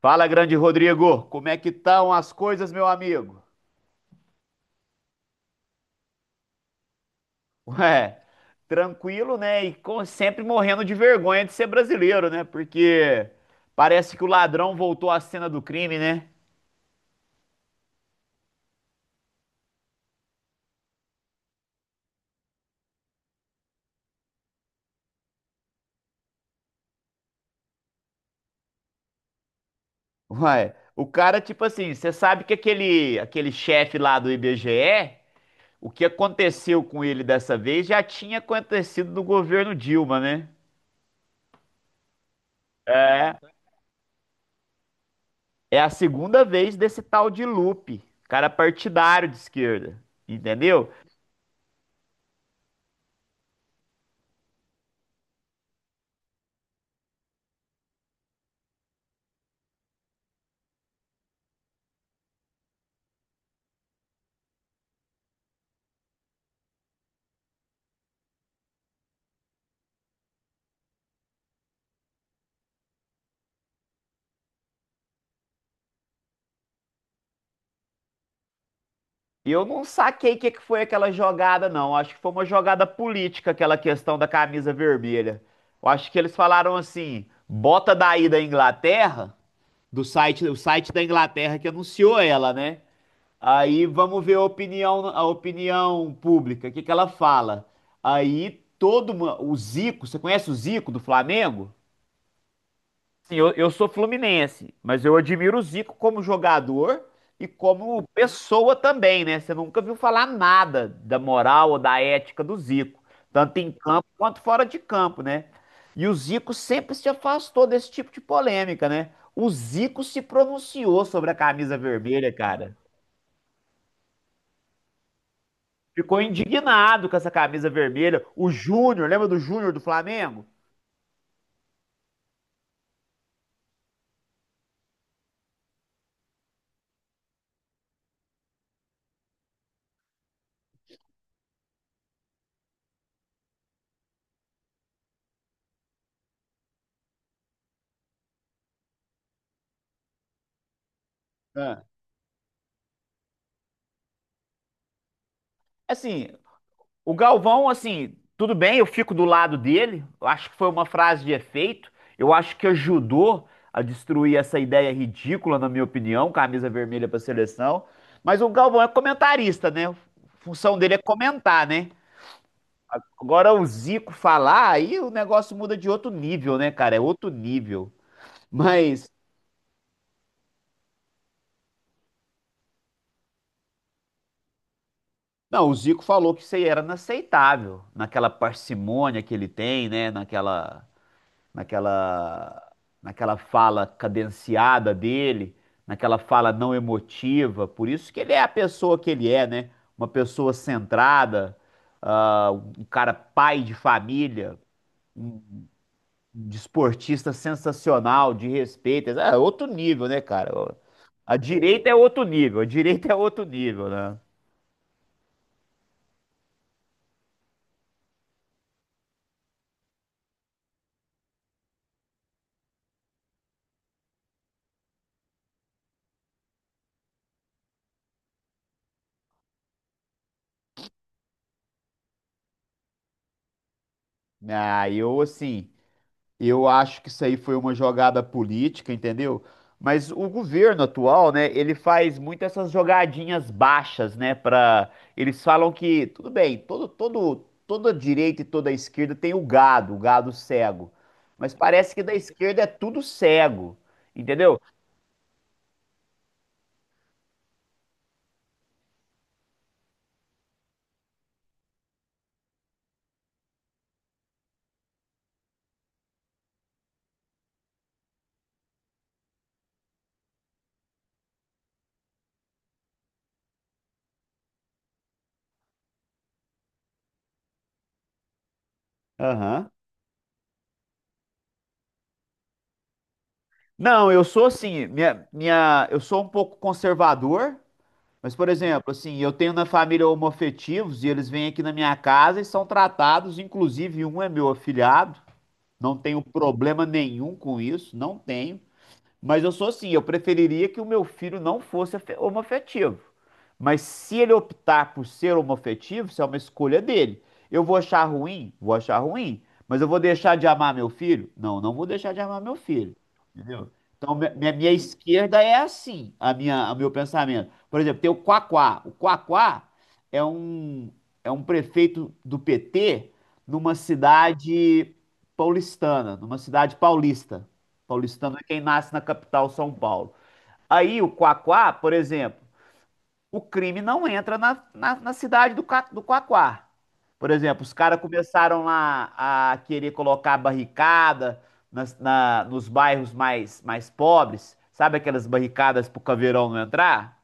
Fala, grande Rodrigo, como é que estão as coisas, meu amigo? Ué, tranquilo, né? Sempre morrendo de vergonha de ser brasileiro, né? Porque parece que o ladrão voltou à cena do crime, né? Ué, o cara, tipo assim, você sabe que aquele chefe lá do IBGE, o que aconteceu com ele dessa vez já tinha acontecido no governo Dilma, né? É, é a segunda vez desse tal de Lupe, cara partidário de esquerda, entendeu? E eu não saquei o que que foi aquela jogada, não. Acho que foi uma jogada política, aquela questão da camisa vermelha. Eu acho que eles falaram assim: bota daí da Inglaterra, do site, o site da Inglaterra que anunciou ela, né? Aí vamos ver a opinião pública, o que que ela fala. O Zico, você conhece o Zico do Flamengo? Sim, eu sou fluminense, mas eu admiro o Zico como jogador e como pessoa também, né? Você nunca viu falar nada da moral ou da ética do Zico, tanto em campo quanto fora de campo, né? E o Zico sempre se afastou desse tipo de polêmica, né? O Zico se pronunciou sobre a camisa vermelha, cara. Ficou indignado com essa camisa vermelha. O Júnior, lembra do Júnior do Flamengo? Ah. Assim. O Galvão, assim, tudo bem, eu fico do lado dele. Eu acho que foi uma frase de efeito. Eu acho que ajudou a destruir essa ideia ridícula, na minha opinião, camisa vermelha para seleção. Mas o Galvão é comentarista, né? A função dele é comentar, né? Agora o Zico falar, aí o negócio muda de outro nível, né, cara? É outro nível. Mas, não, o Zico falou que isso aí era inaceitável, naquela parcimônia que ele tem, né? Naquela, naquela fala cadenciada dele, naquela fala não emotiva. Por isso que ele é a pessoa que ele é, né? Uma pessoa centrada, um cara pai de família, um desportista sensacional, de respeito. É outro nível, né, cara? A direita é outro nível, a direita é outro nível, né? Ah, eu assim. Eu acho que isso aí foi uma jogada política, entendeu? Mas o governo atual, né, ele faz muito essas jogadinhas baixas, né, para eles falam que tudo bem, todo todo toda direita e toda esquerda tem o gado cego. Mas parece que da esquerda é tudo cego, entendeu? Aham. Não, eu sou assim, eu sou um pouco conservador. Mas, por exemplo, assim, eu tenho na família homoafetivos e eles vêm aqui na minha casa e são tratados, inclusive um é meu afilhado, não tenho problema nenhum com isso, não tenho. Mas eu sou assim, eu preferiria que o meu filho não fosse homoafetivo. Mas se ele optar por ser homoafetivo, isso é uma escolha dele. Eu vou achar ruim? Vou achar ruim. Mas eu vou deixar de amar meu filho? Não, não vou deixar de amar meu filho. Entendeu? Então, minha esquerda é assim, a minha, o meu pensamento. Por exemplo, tem o Quaquá. O Quaquá é um, é um prefeito do PT numa cidade paulistana, numa cidade paulista. Paulistano é quem nasce na capital São Paulo. Aí o Quaquá, por exemplo, o crime não entra na cidade do, do Quaquá. Por exemplo, os caras começaram lá a querer colocar barricada nos bairros mais pobres, sabe aquelas barricadas pro caveirão não entrar?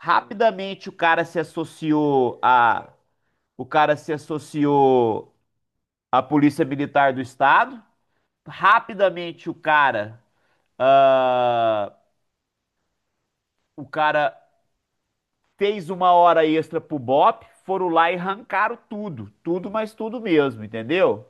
Rapidamente o cara se associou à Polícia Militar do Estado. Rapidamente o cara ah, o cara fez uma hora extra pro Bop, foram lá e arrancaram tudo. Tudo, mas tudo mesmo, entendeu?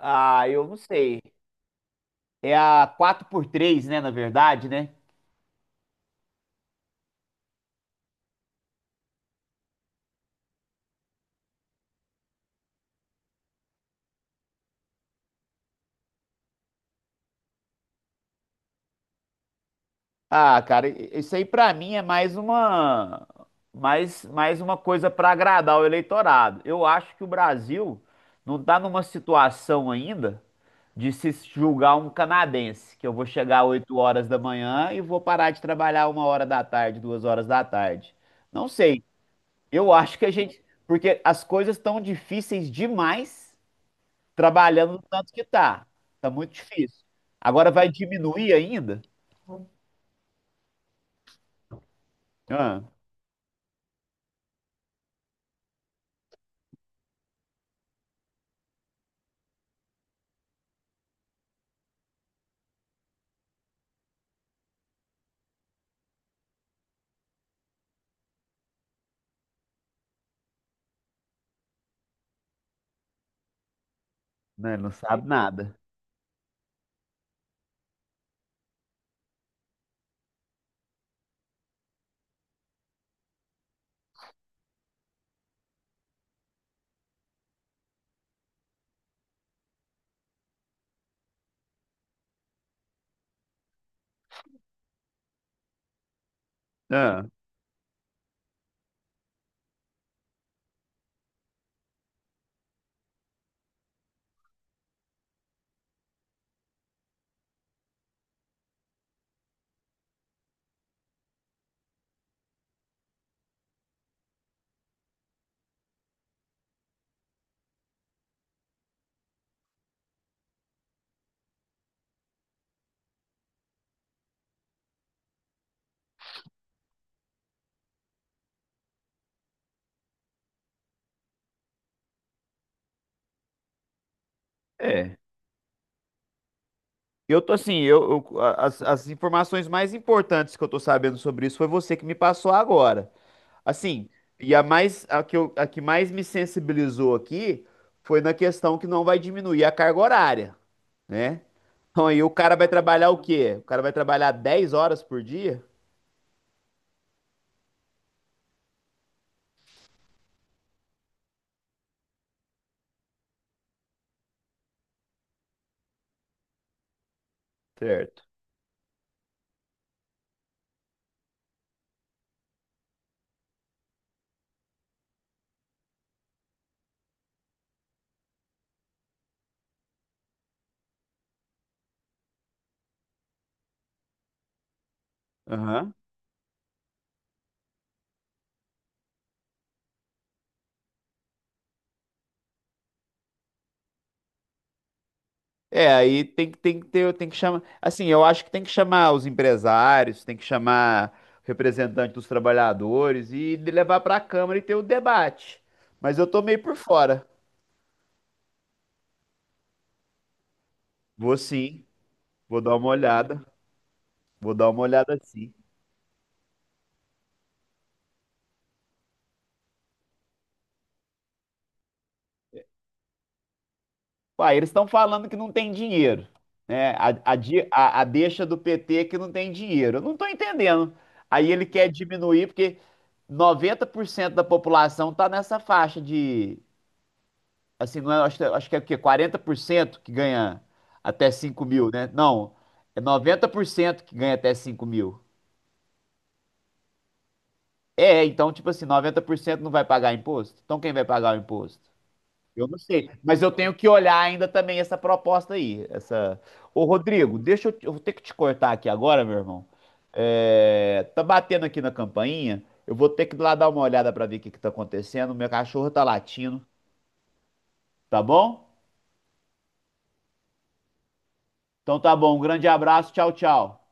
Ah, eu não sei. É a quatro por três, né, na verdade, né? Ah, cara, isso aí pra mim é mais uma coisa pra agradar o eleitorado. Eu acho que o Brasil não tá numa situação ainda de se julgar um canadense, que eu vou chegar às 8 horas da manhã e vou parar de trabalhar 1 hora da tarde, 2 horas da tarde. Não sei. Eu acho que a gente. Porque as coisas estão difíceis demais trabalhando do tanto que tá. Tá muito difícil. Agora vai diminuir ainda? Ah, né, não sabe nada. Ah, é. Eu tô assim, as informações mais importantes que eu tô sabendo sobre isso foi você que me passou agora. Assim, e a mais a que, eu- a que mais me sensibilizou aqui foi na questão que não vai diminuir a carga horária, né? Então aí o cara vai trabalhar o quê? O cara vai trabalhar 10 horas por dia? Certo. Aham. É, aí tem, tem que ter, tem que chamar. Assim, eu acho que tem que chamar os empresários, tem que chamar o representante dos trabalhadores e levar para a Câmara e ter o debate. Mas eu tô meio por fora. Vou sim, vou dar uma olhada. Vou dar uma olhada sim. Uai, eles estão falando que não tem dinheiro, né? A deixa do PT é que não tem dinheiro. Eu não estou entendendo. Aí ele quer diminuir, porque 90% da população está nessa faixa de, assim, não é- acho que é o quê? 40% que ganha até 5 mil, né? Não, é 90% que ganha até 5 mil. É, então, tipo assim, 90% não vai pagar imposto? Então quem vai pagar o imposto? Eu não sei, mas eu tenho que olhar ainda também essa proposta aí, essa. Ô, Rodrigo, deixa eu vou ter que te cortar aqui agora, meu irmão. É, tá batendo aqui na campainha. Eu vou ter que ir lá dar uma olhada pra ver o que que tá acontecendo. Meu cachorro tá latindo, tá bom? Então tá bom, um grande abraço, tchau, tchau.